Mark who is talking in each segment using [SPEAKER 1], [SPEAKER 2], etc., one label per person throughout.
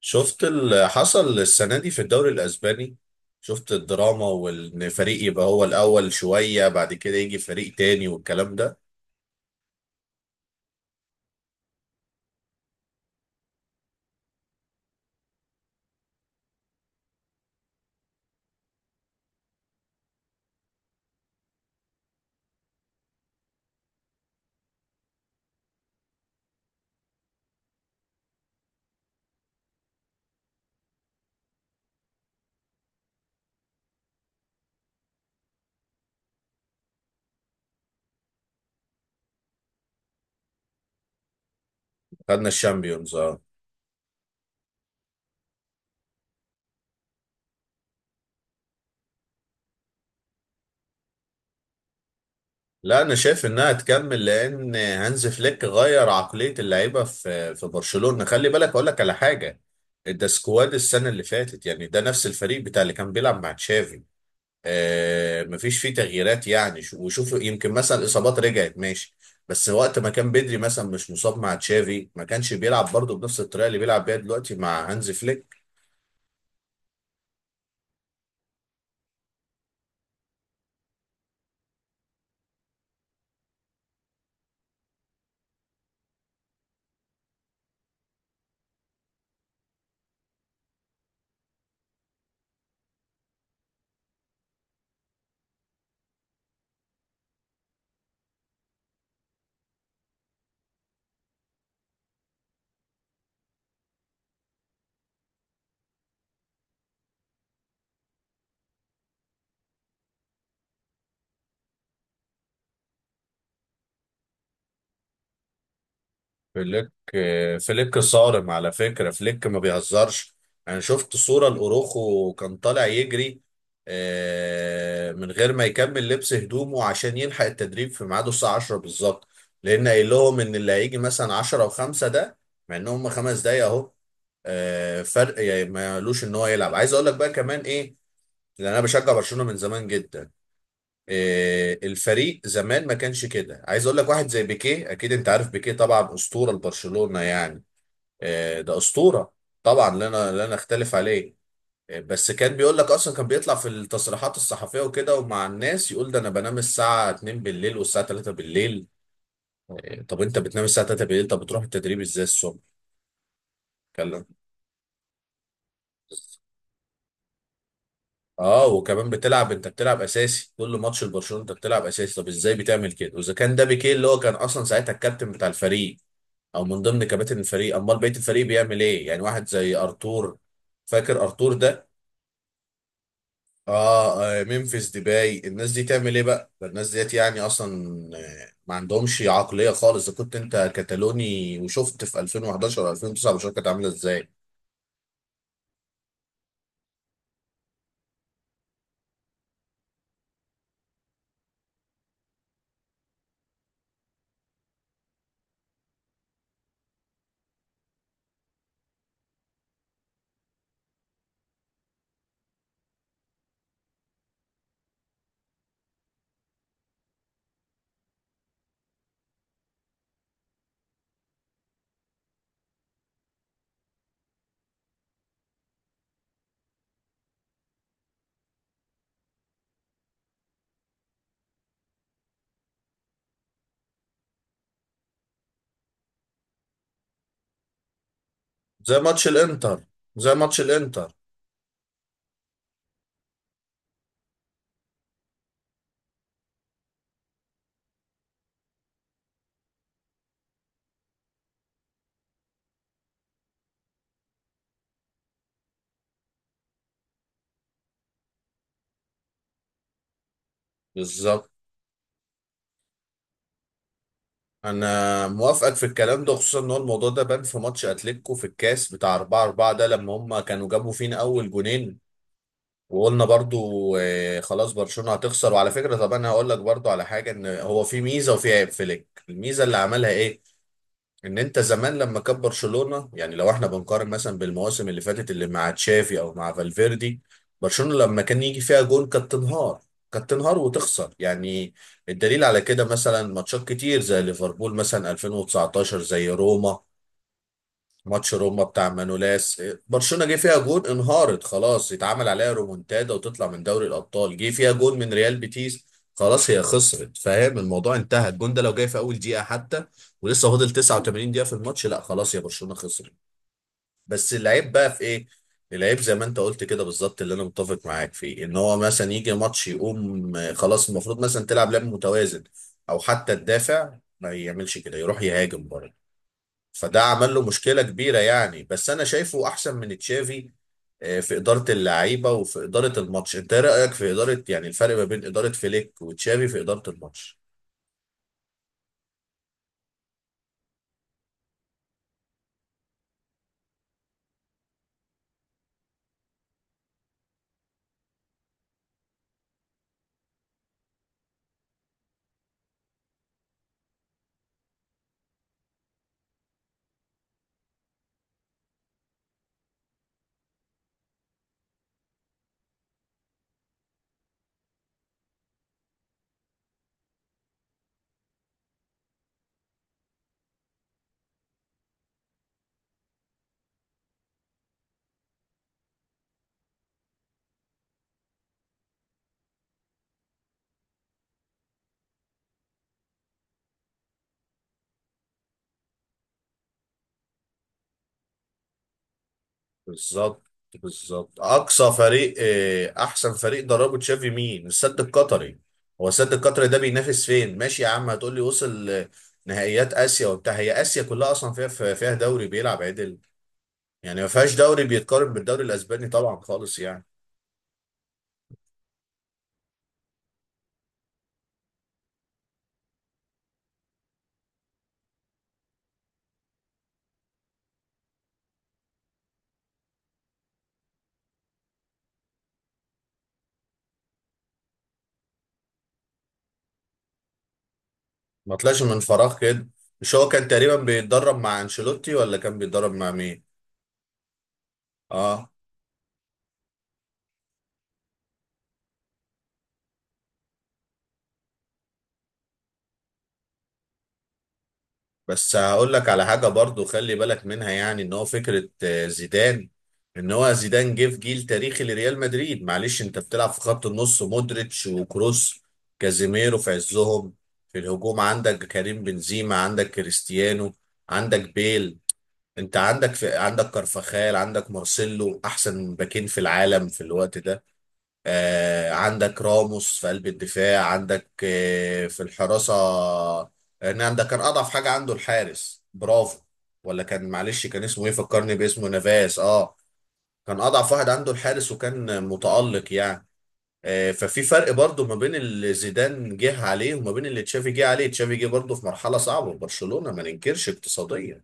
[SPEAKER 1] شفت اللي حصل السنة دي في الدوري الأسباني. شفت الدراما وإن فريق يبقى هو الأول شوية بعد كده يجي فريق تاني والكلام ده. خدنا الشامبيونز. اه. لا، أنا شايف إنها تكمل لأن هانز فليك غير عقلية اللعيبة في برشلونة. خلي بالك أقول لك على حاجة. ده سكواد السنة اللي فاتت، يعني ده نفس الفريق بتاع اللي كان بيلعب مع تشافي. مفيش فيه تغييرات يعني وشوف يمكن مثلا الاصابات رجعت ماشي. بس وقت ما كان بدري مثلا مش مصاب مع تشافي ما كانش بيلعب برضه بنفس الطريقه اللي بيلعب بيها دلوقتي مع هانز فليك. فليك فليك صارم على فكرة. فليك ما بيهزرش. انا شفت صورة لأوروخو كان طالع يجري من غير ما يكمل لبس هدومه عشان يلحق التدريب في ميعاده الساعة 10 بالظبط، لأن قايل لهم إن اللي هيجي مثلا 10 و5، ده مع إن هم خمس دقايق أهو. فرق يعني مالوش إن هو يلعب. عايز أقول لك بقى كمان إيه؟ لأن أنا بشجع برشلونة من زمان جدا. الفريق زمان ما كانش كده. عايز اقول لك واحد زي بيكيه، اكيد انت عارف بيكيه طبعا، اسطوره لبرشلونه يعني. ده اسطوره. طبعا لا، انا لا نختلف عليه. بس كان بيقول لك اصلا، كان بيطلع في التصريحات الصحفيه وكده ومع الناس يقول ده انا بنام الساعه 2 بالليل والساعه 3 بالليل. طب انت بتنام الساعه 3 بالليل، طب بتروح التدريب ازاي الصبح؟ كلام. اه، وكمان بتلعب، انت بتلعب اساسي كل ماتش لبرشلونه، انت بتلعب اساسي، طب ازاي بتعمل كده؟ واذا كان ده بيكيه اللي هو كان اصلا ساعتها الكابتن بتاع الفريق او من ضمن كباتن الفريق، امال بقيه الفريق بيعمل ايه؟ يعني واحد زي ارتور، فاكر ارتور ده؟ اه, ممفيس ديباي، الناس دي تعمل ايه بقى؟ ده الناس ديت يعني اصلا ما عندهمش عقليه خالص. اذا كنت انت كتالوني وشفت في 2011 و 2009، المشاركه كانت عامله ازاي. زي ماتش الانتر، زي ماتش الانتر. بالظبط. انا موافقك في الكلام ده، خصوصا ان هو الموضوع ده بان في ماتش اتلتيكو في الكاس بتاع 4-4 ده لما هم كانوا جابوا فينا اول جونين، وقلنا برضو خلاص برشلونة هتخسر. وعلى فكرة، طب انا هقول لك برضو على حاجة، ان هو في ميزة وفي عيب فليك. الميزة اللي عملها ايه؟ ان انت زمان لما كان برشلونة، يعني لو احنا بنقارن مثلا بالمواسم اللي فاتت اللي مع تشافي او مع فالفيردي، برشلونة لما كان يجي فيها جون كانت تنهار. كانت تنهار وتخسر يعني. الدليل على كده مثلا ماتشات كتير زي ليفربول مثلا 2019، زي روما، ماتش روما بتاع مانولاس. برشلونة جه فيها جون انهارت خلاص، يتعمل عليها رومونتادا وتطلع من دوري الأبطال. جه فيها جون من ريال بيتيس، خلاص هي خسرت. فاهم الموضوع؟ انتهى. الجون ده لو جاي في أول دقيقة حتى ولسه فاضل 89 دقيقة في الماتش، لا، خلاص يا برشلونة خسرت. بس العيب بقى في ايه؟ العيب زي ما انت قلت كده بالظبط، اللي انا متفق معاك فيه، ان هو مثلا يجي ماتش يقوم خلاص، المفروض مثلا تلعب لعب متوازن، او حتى تدافع. ما يعملش كده، يروح يهاجم برضه. فده عمل له مشكلة كبيرة يعني. بس أنا شايفه أحسن من تشافي في إدارة اللعيبة وفي إدارة الماتش. أنت إيه رأيك في إدارة، يعني الفرق ما بين إدارة فليك وتشافي في إدارة الماتش؟ بالظبط بالظبط. أقصى فريق، أحسن فريق دربه تشافي مين؟ السد القطري. هو السد القطري ده بينافس فين؟ ماشي يا عم، هتقول لي وصل نهائيات آسيا وبتاع. هي آسيا كلها أصلا فيها دوري بيلعب عدل؟ يعني ما فيهاش دوري بيتقارن بالدوري الأسباني طبعا خالص يعني. ما طلعش من فراغ كده. مش هو كان تقريبا بيتدرب مع انشيلوتي ولا كان بيتدرب مع مين؟ اه. بس هقول لك على حاجه برضو، خلي بالك منها. يعني ان هو فكره زيدان، ان هو زيدان جه في جيل تاريخي لريال مدريد. معلش، انت بتلعب في خط النص مودريتش وكروس، كازيميرو في عزهم. في الهجوم عندك كريم بنزيما، عندك كريستيانو، عندك بيل. انت عندك كارفاخال، عندك مارسيلو احسن باكين في العالم في الوقت ده. عندك راموس في قلب الدفاع، عندك في الحراسة. ان عندك كان اضعف حاجة عنده الحارس برافو. ولا كان، معلش كان اسمه ايه، فكرني باسمه. نافاس. اه، كان اضعف واحد عنده الحارس وكان متألق يعني. ففي فرق برضو ما بين اللي زيدان جه عليه وما بين اللي تشافي جه عليه. تشافي جه برضو في مرحلة صعبة في برشلونة، ما ننكرش، اقتصاديا.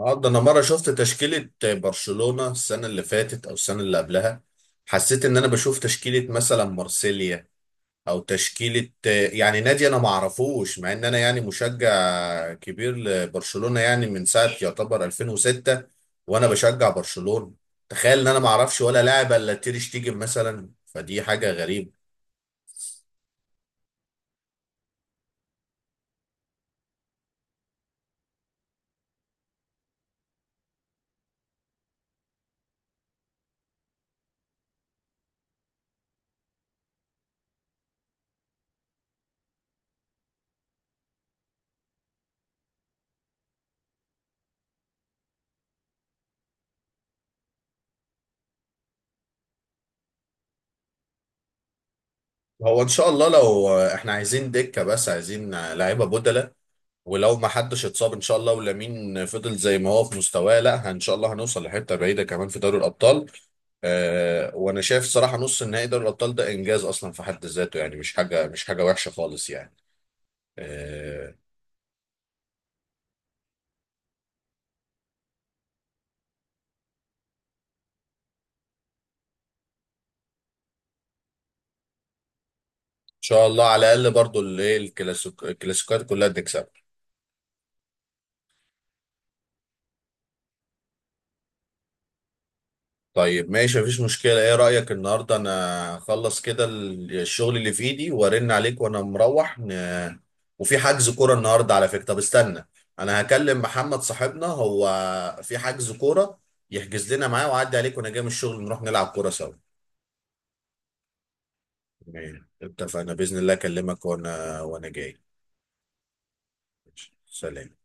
[SPEAKER 1] اه، ده انا مره شفت تشكيله برشلونه السنه اللي فاتت او السنه اللي قبلها، حسيت ان انا بشوف تشكيله مثلا مارسيليا، او تشكيله يعني نادي انا ما اعرفوش، مع ان انا يعني مشجع كبير لبرشلونه، يعني من ساعه يعتبر 2006 وانا بشجع برشلونه. تخيل ان انا ما اعرفش ولا لاعب الا تير شتيجن مثلا. فدي حاجه غريبه. هو ان شاء الله لو احنا عايزين دكه، بس عايزين لعيبه بدلاء. ولو ما حدش اتصاب ان شاء الله، ولامين فضل زي ما هو في مستواه، لا ان شاء الله هنوصل لحته بعيده كمان في دوري الابطال. وانا شايف صراحه نص النهائي دوري الابطال ده انجاز اصلا في حد ذاته، يعني مش حاجه، مش حاجه وحشه خالص يعني. آه ان شاء الله على الاقل برضو الايه، الكلاسيك، الكلاسيكات كلها بنكسبها. طيب ماشي، مفيش مشكلة. ايه رأيك النهاردة انا اخلص كده الشغل اللي في ايدي وارن عليك وانا مروح وفي حجز كورة النهاردة على فكرة. طب استنى، انا هكلم محمد صاحبنا. هو في حجز كورة، يحجز لنا معاه، وعدي عليك وانا جاي من الشغل نروح نلعب كورة سوا. تمام اتفقنا بإذن الله، اكلمك وانا جاي. ماشي. سلام.